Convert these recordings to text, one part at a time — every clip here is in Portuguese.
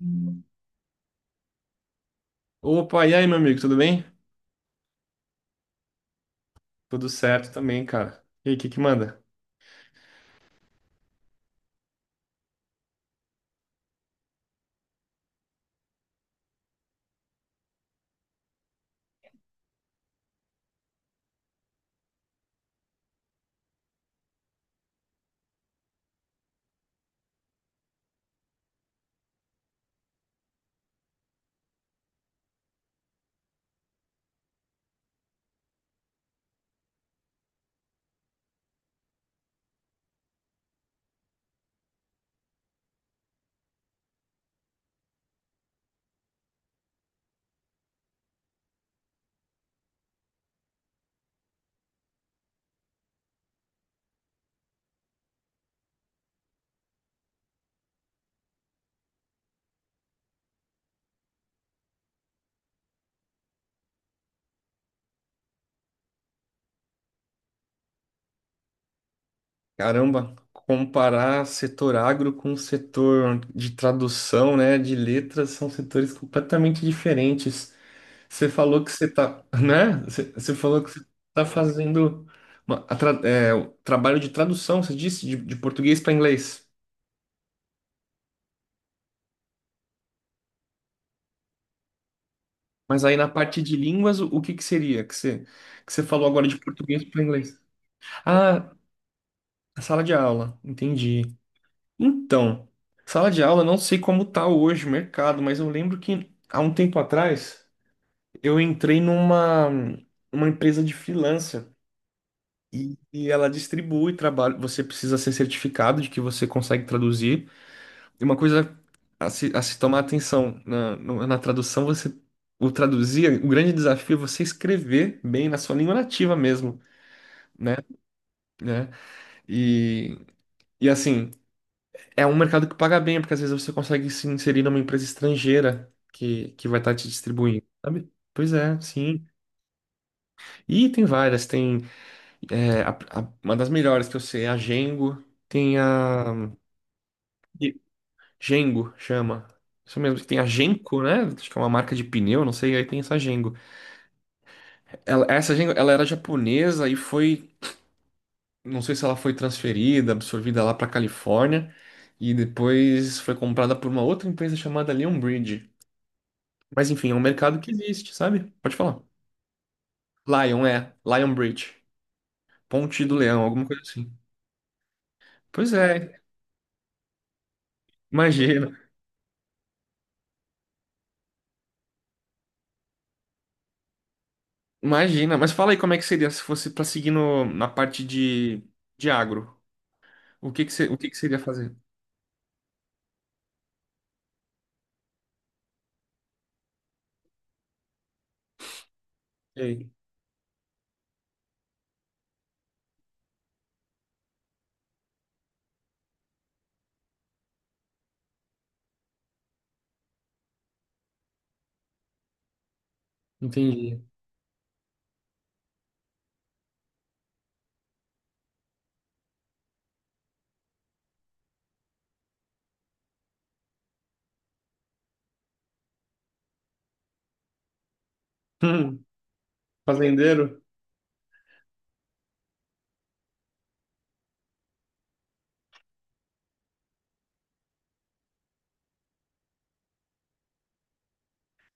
Hum. Opa, e aí, meu amigo, tudo bem? Tudo certo também, cara. E aí, o que que manda? Caramba, comparar setor agro com setor de tradução, né, de letras, são setores completamente diferentes. Você falou que você tá, né? Você falou que você tá fazendo o trabalho de tradução, você disse, de português para inglês. Mas aí na parte de línguas, o que que seria que você falou agora de português para inglês? Ah, sala de aula, entendi. Então, sala de aula, eu não sei como tá hoje o mercado, mas eu lembro que há um tempo atrás eu entrei numa uma empresa de freelancer e ela distribui trabalho. Você precisa ser certificado de que você consegue traduzir. E uma coisa a se tomar atenção na, no- na tradução, você o traduzir, o grande desafio é você escrever bem na sua língua nativa mesmo, né? Né? E, e assim. É um mercado que paga bem, porque às vezes você consegue se inserir numa empresa estrangeira que vai estar te distribuindo, sabe? Pois é, sim. E tem várias, tem uma das melhores que eu sei, é a Gengo, tem a E- Gengo chama. Isso mesmo, que tem a Genko, né? Acho que é uma marca de pneu, não sei, aí tem essa Gengo. Essa Gengo, ela era japonesa e foi, não sei se ela foi transferida, absorvida lá para Califórnia e depois foi comprada por uma outra empresa chamada Leon. Mas enfim, é um mercado que existe, sabe? Pode falar. Lion, é. Lion Bridge. Ponte do Leão, alguma coisa assim. Pois é, imagina. Imagina. Mas fala aí como é que seria se fosse pra seguir no, na parte de agro. O que que, você, o que que você iria fazer? Ei, entendi. Hum, fazendeiro?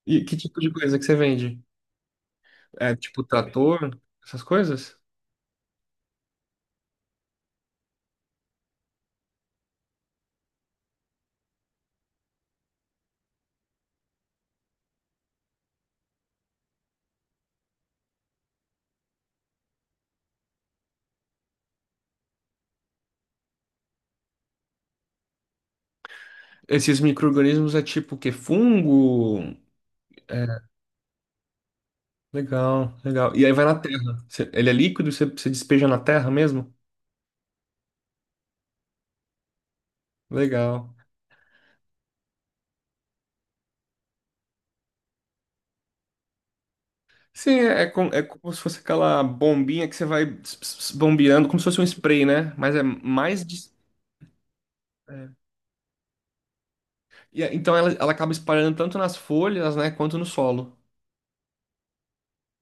E que tipo de coisa que você vende? É tipo trator, essas coisas? Esses micro-organismos é tipo o quê? Fungo? Legal, legal. E aí vai na terra. Você- Ele é líquido, você, você despeja na terra mesmo? Legal. Sim, é, é com- é como se fosse aquela bombinha que você vai bombeando, como se fosse um spray, né? Mas é mais de... é. E é- então ela acaba espalhando tanto nas folhas, né, quanto no solo.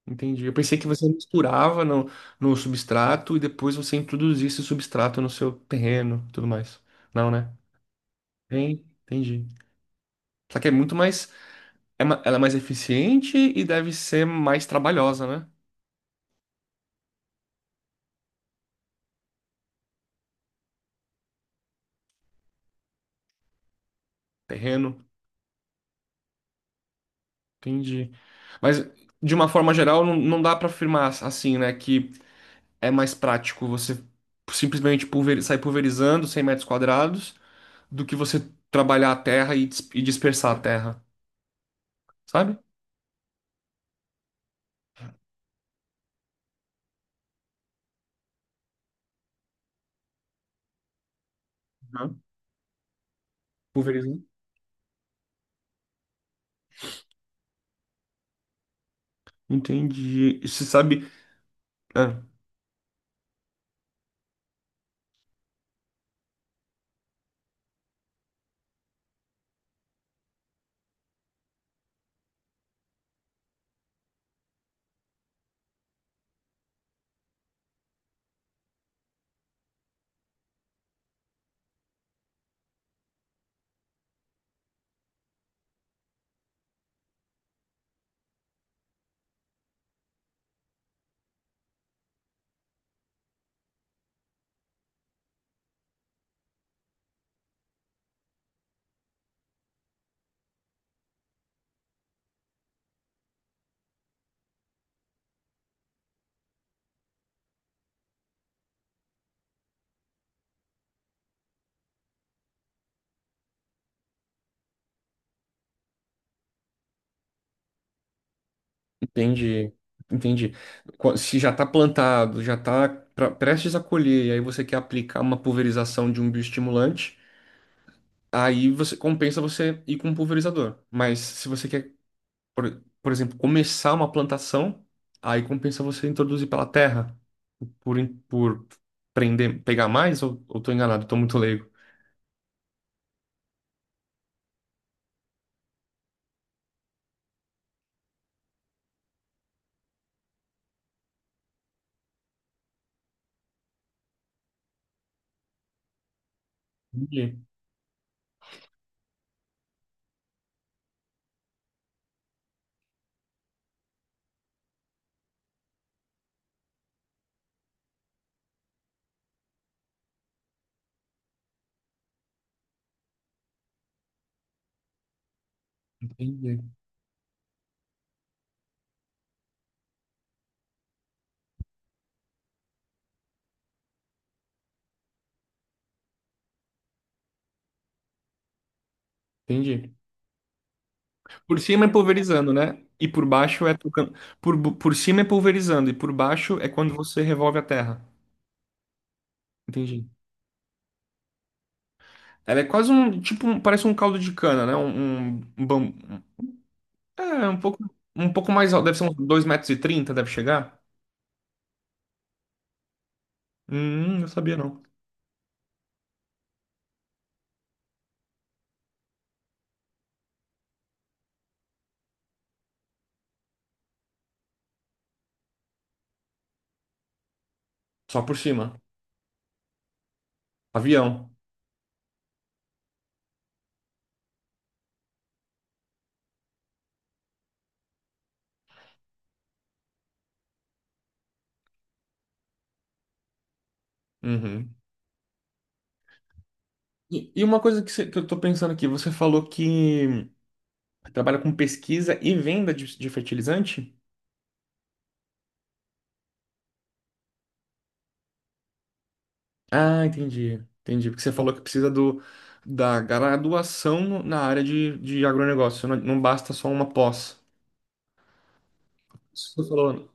Entendi. Eu pensei que você misturava no substrato e depois você introduzia esse substrato no seu terreno, e tudo mais. Não, né? Tem, entendi. Só que é muito mais, ela é mais eficiente e deve ser mais trabalhosa, né? Terreno. Entendi. Mas, de uma forma geral, não, não dá pra afirmar assim, né, que é mais prático você sair pulverizando 100 metros quadrados do que você trabalhar a terra e dispersar a terra, sabe? Uhum. Pulverizando. Entendi. E você sabe. Ah, entendi. Entendi. Qu- Se já está plantado, já está prestes a colher, e aí você quer aplicar uma pulverização de um bioestimulante, aí você compensa você ir com um pulverizador. Mas se você quer por exemplo, começar uma plantação, aí compensa você introduzir pela terra, por prender, pegar mais, ou tô enganado, tô muito leigo. Entendi, entendi, entendi. Por cima é pulverizando, né? E por baixo é trocando. Por cima é pulverizando, e por baixo é quando você revolve a terra. Entendi. Ela é quase um, tipo, um- parece um caldo de cana, né? Um bam- é, um pouco mais alto, deve ser uns 2,30 metros, e trinta, deve chegar. Não sabia não. Só por cima. Avião. Uhum. E uma coisa que, você- que eu tô pensando aqui, você falou que trabalha com pesquisa e venda de fertilizante? Ah, entendi. Entendi. Porque você falou que precisa do, da graduação no- na área de agronegócio. Não, não basta só uma pós. Isso que você falou.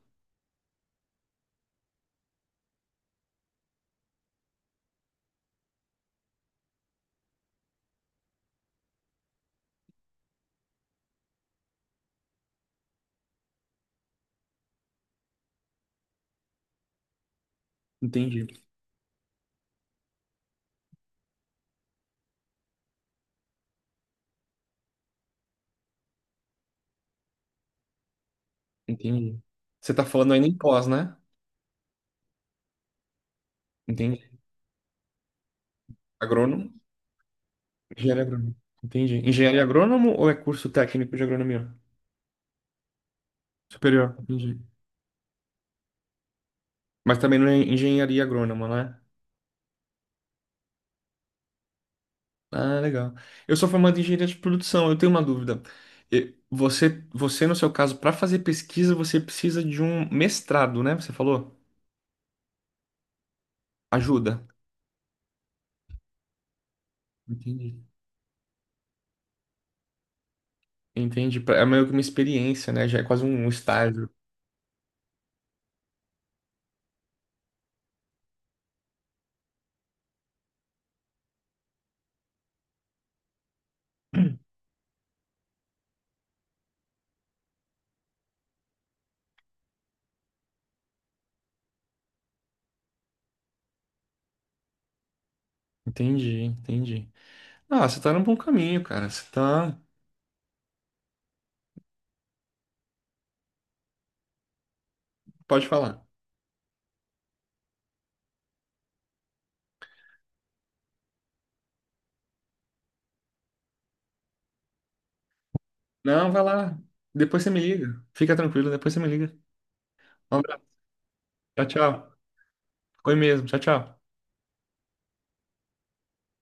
Entendi. Entendi. Você tá falando ainda em pós, né? Entendi. Agrônomo? Engenharia agrônoma. Entendi. Engenharia agrônomo ou é curso técnico de agronomia? Superior. Entendi. Mas também não é engenharia agrônoma, né? Ah, legal. Eu sou formado em engenharia de produção. Eu tenho uma dúvida. E você, você no seu caso, para fazer pesquisa, você precisa de um mestrado, né? Você falou? Ajuda. Entendi. Entendi. Pra- É meio que uma experiência, né? Já é quase um estágio. Entendi. Ah, você tá num bom caminho, cara. Você tá. Pode falar. Não, vai lá. Depois você me liga. Fica tranquilo, depois você me liga. Um abraço. Tchau, tchau. Foi mesmo. Tchau, tchau.